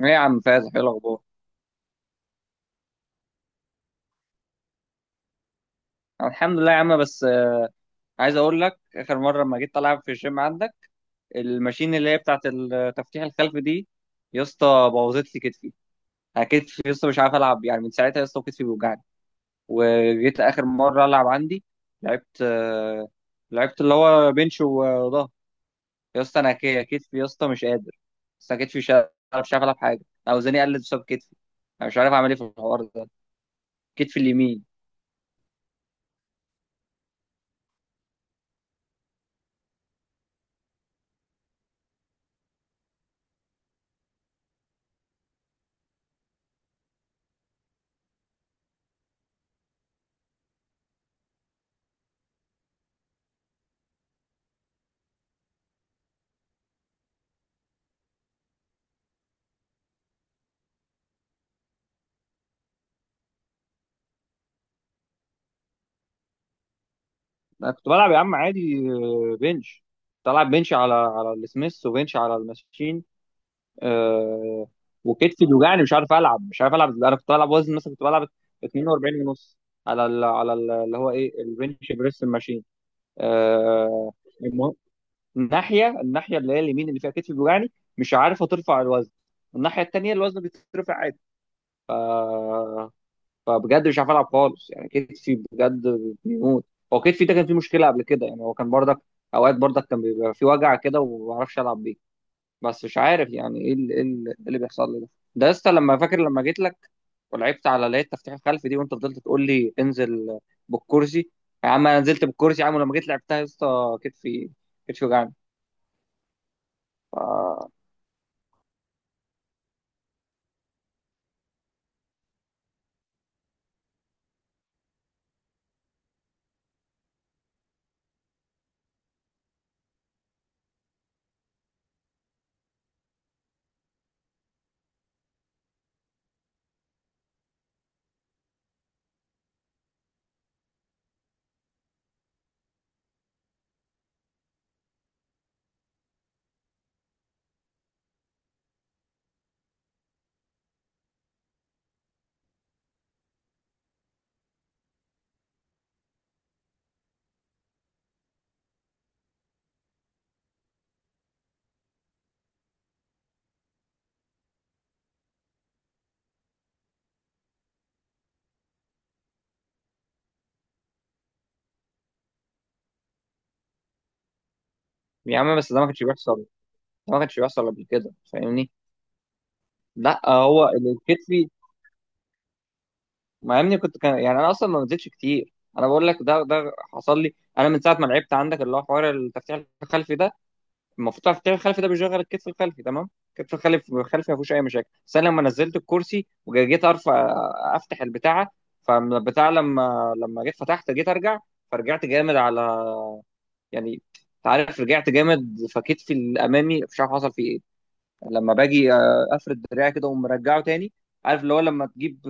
ايه يا عم فايز، ايه الاخبار؟ الحمد لله يا عم. بس عايز اقول لك، اخر مره لما جيت العب في الجيم عندك الماشين اللي هي بتاعه التفتيح الخلفي دي، يا اسطى بوظت لي كتفي. أنا كتفي يا اسطى مش عارف العب يعني، من ساعتها يا اسطى كتفي بيوجعني. وجيت اخر مره العب عندي، لعبت لعبت اللي هو بنش وظهر. يا اسطى انا كتفي يا اسطى مش قادر. بس انا كتفي مش عارف العب حاجه، اوزاني قلت بسبب كتفي. انا مش عارف اعمل ايه في الحوار ده، كتفي اليمين. انا كنت بلعب يا عم عادي، بنش. كنت العب بنش على السميث وبنش على الماشين. آه. وكتفي بيوجعني، مش عارف العب انا. كنت بلعب وزن مثلا، كنت بلعب 42 ونص على ال اللي هو ايه، البنش بريس الماشين. آه. المهم، الناحيه اللي هي اليمين اللي فيها كتفي بيوجعني مش عارف ترفع الوزن. الناحيه التانيه الوزن بيترفع عادي. فبجد مش عارف العب خالص يعني، كتفي بجد بيموت. هو كتفي ده كان فيه مشكله قبل كده يعني، هو كان برضك اوقات برضك كان بيبقى فيه وجع كده وما بعرفش العب بيه. بس مش عارف يعني ايه اللي, إيه اللي إيه اللي بيحصل لي ده. ده لسه لما فاكر لما جيت لك ولعبت على اللي هي التفتيح الخلفي دي، وانت فضلت تقول لي انزل بالكرسي. يا عم انا نزلت بالكرسي يا عم، ولما جيت لعبتها يا اسطى كتفي، كتفي وجعني. ف... يا عم بس ده ما كانش بيحصل. ما كانش بيحصل قبل كده، فاهمني؟ لا هو الكتف، مع اني كنت كان يعني، انا اصلا ما نزلتش كتير. انا بقول لك ده، ده حصل لي انا من ساعه ما لعبت عندك اللي هو حوار التفتيح الخلفي ده. المفروض التفتيح الخلفي ده بيشغل الكتف الخلفي، تمام، الكتف الخلفي ما فيهوش اي مشاكل. بس انا لما نزلت الكرسي وجيت ارفع، افتح البتاعه، فالبتاع لما جيت فتحت جيت ارجع، فرجعت جامد على يعني، انت عارف، رجعت جامد، فكتفي الامامي مش عارف حصل فيه ايه. لما باجي افرد دراعي كده ومرجعه تاني، عارف اللي هو لما تجيب،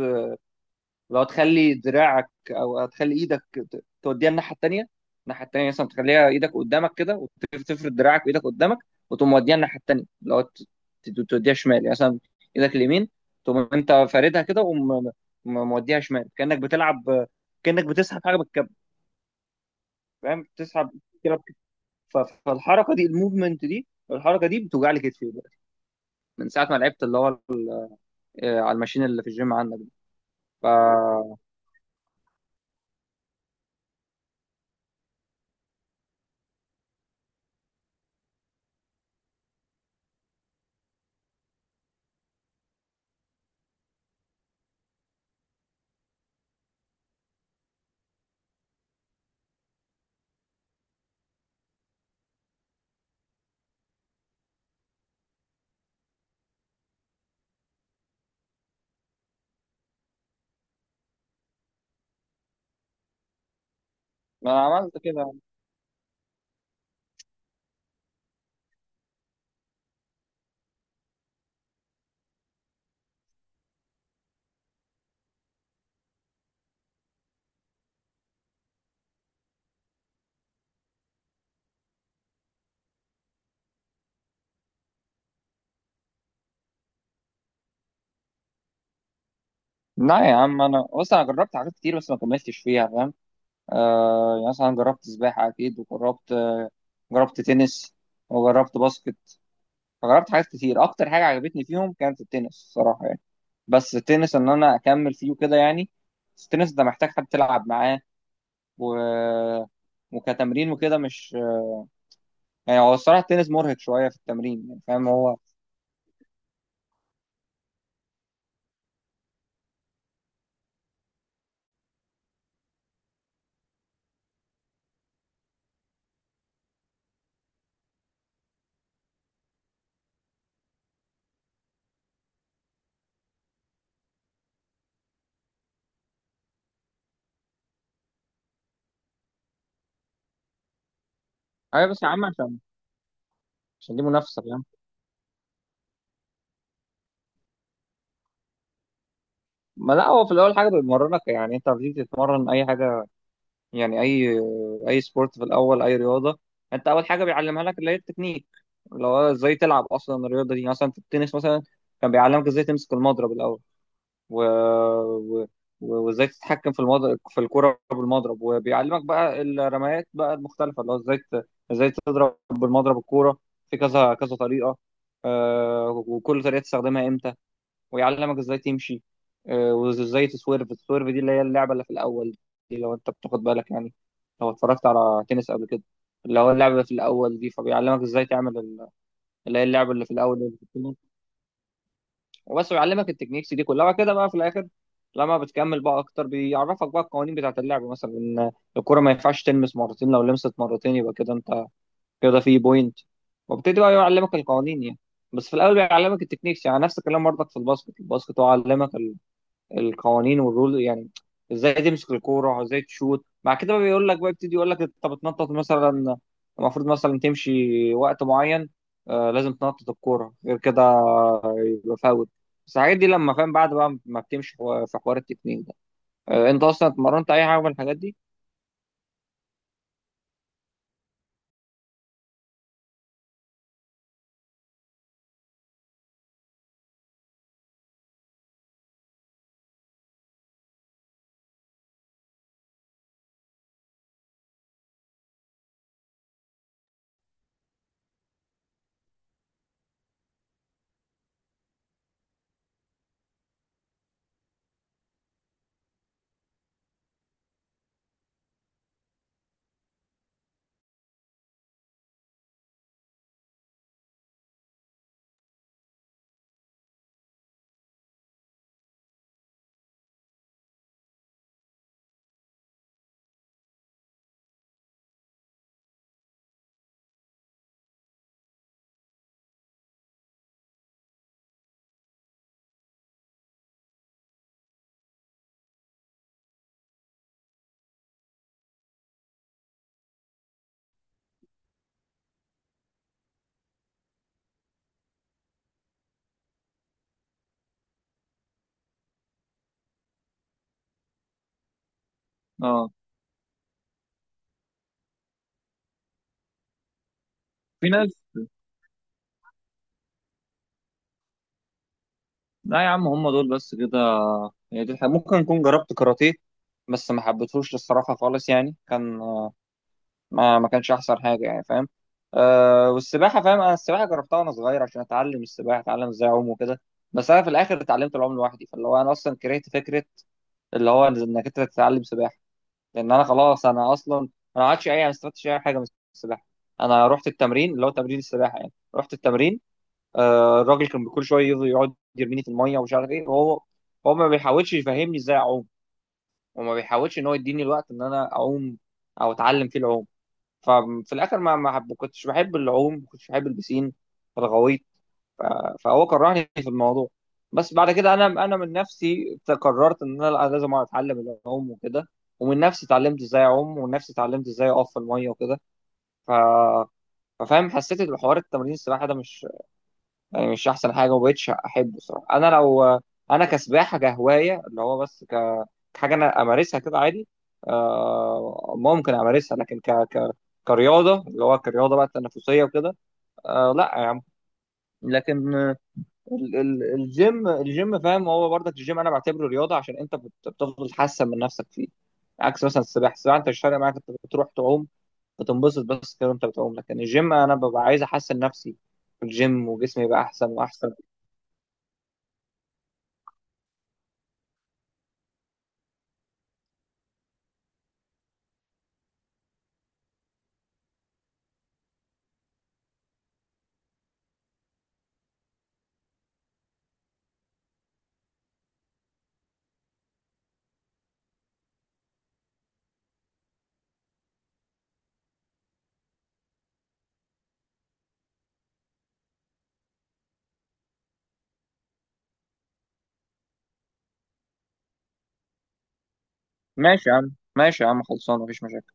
لو تخلي دراعك او تخلي ايدك توديها الناحيه التانيه. الناحيه التانيه مثلا، تخليها ايدك قدامك كده وتفرد دراعك وايدك قدامك، وتقوم موديها الناحيه التانيه، لو توديها شمال يعني مثلا. ايدك اليمين تقوم انت فاردها كده وموديها شمال، كانك بتلعب، كانك بتسحب حاجه بالكب، فاهم؟ بتسحب كده ف- فالحركه دي، الموفمنت دي، الحركه دي بتوجع لي كتفي دلوقتي، من ساعه ما لعبت اللي هو على الماشين اللي في الجيم عندك دي. ف- ما انا عملت كده. لا يا عم، انا بص، انا جربت حاجات كتير بس ما كملتش فيها فاهم. آه، يعني مثلا جربت سباحه اكيد، وجربت آه، جربت تنس، وجربت باسكت. فجربت حاجات كتير، اكتر حاجه عجبتني فيهم كانت التنس الصراحه يعني. بس التنس، ان انا اكمل فيه وكده يعني، بس التنس ده محتاج حد تلعب معاه و... وكتمرين وكده مش يعني، هو الصراحه التنس مرهق شويه في التمرين يعني، فاهم هو؟ ايوه بس يا عم، عشان دي منافسه يعني. ما لا، هو في الاول حاجه بتمرنك، يعني انت لما بتيجي تتمرن اي حاجه، يعني اي اي سبورت في الاول، اي رياضه، انت اول حاجه بيعلمها لك اللي هي التكنيك، اللي هو ازاي تلعب اصلا الرياضه دي. يعني مثلا في التنس مثلا كان بيعلمك ازاي تمسك المضرب الاول، و... و... وازاي تتحكم في المضرب، في الكره بالمضرب، وبيعلمك بقى الرميات بقى المختلفه، اللي هو ازاي تضرب بالمضرب الكوره في كذا كذا طريقه. وكل طريقه تستخدمها امتى، ويعلمك ازاي تمشي، وازاي تسويرف، السويرف دي اللي هي اللعبه اللي في الاول دي، لو انت بتاخد بالك يعني، لو اتفرجت على تنس قبل كده، اللي هو اللعبه في الاول دي، فبيعلمك ازاي تعمل اللي هي اللعبه اللي في الاول اللي في التنس. وبس بيعلمك التكنيكس دي كلها، وبعد كده بقى في الاخر لما بتكمل بقى اكتر، بيعرفك بقى القوانين بتاعه اللعبه، مثلا ان الكره ما ينفعش تلمس مرتين، لو لمست مرتين يبقى كده انت كده في بوينت. وابتدي بقى يعلمك القوانين يعني، بس في الاول بيعلمك التكنيكس. يعني نفس الكلام برضك في الباسكت، هو علمك القوانين والرول يعني، ازاي تمسك الكوره، ازاي تشوت، مع كده بقى بيقول لك بقى، يبتدي يقول لك انت بتنطط مثلا، المفروض مثلا تمشي وقت معين، آه، لازم تنطط الكوره، غير كده يبقى فاول. بس الحاجات دي لما فاهم بعد بقى ما بتمشي في حوار التكنيك ده. آه، انت اصلا اتمرنت اي حاجه من الحاجات دي؟ اه. في ناس لا يا عم، هم دول بس كده، يعني دي الحاجة. ممكن اكون جربت كاراتيه بس ما حبيتهوش الصراحه خالص يعني، كان ما كانش احسن حاجه يعني فاهم. أه، والسباحه فاهم، انا السباحه جربتها وانا صغير عشان اتعلم السباحه، اتعلم ازاي اعوم وكده. بس انا في الاخر اتعلمت العوم لوحدي، فاللي هو انا اصلا كرهت فكره اللي هو انك انت تتعلم سباحه. لان انا خلاص، انا اصلا انا ما عادش اي، ما استفدتش اي حاجه من السباحه. انا رحت التمرين اللي هو تمرين السباحه، يعني رحت التمرين، أه، الراجل كان كل شويه يفضل يقعد يرميني في الميه ومش عارف ايه، وهو ما بيحاولش يفهمني ازاي اعوم، وما بيحاولش ان هو يديني الوقت ان انا اعوم او اتعلم فيه العوم. ففي الاخر ما ما حب- كنتش بحب العوم، ما كنتش بحب البسين فغويت. ف- فهو كرهني في الموضوع. بس بعد كده انا، من نفسي قررت ان انا لأ، لازم اتعلم العوم وكده. ومن نفسي اتعلمت ازاي اعوم، ومن نفسي اتعلمت ازاي اقف في الميه وكده. ف ففاهم، حسيت ان حوار التمرين السباحه ده مش يعني مش احسن حاجه، ومبقتش احبه الصراحه. انا لو انا كسباحه كهوايه، اللي هو بس كحاجه انا امارسها كده عادي، ممكن امارسها، لكن كرياضه، اللي هو كرياضه بقى تنافسيه وكده، آه لا يا عم. لكن الجيم، فاهم هو برضك الجيم انا بعتبره رياضه، عشان انت بتفضل تحسن من نفسك فيه، عكس مثلا السباحه. انت مش فارق معاك، انت بتروح تعوم بتنبسط بس كده وانت بتعوم، لكن الجيم انا ببقى عايز احسن نفسي في الجيم، وجسمي يبقى احسن واحسن. ماشي يا عم، ماشي يا عم، خلصانه، مفيش مشاكل.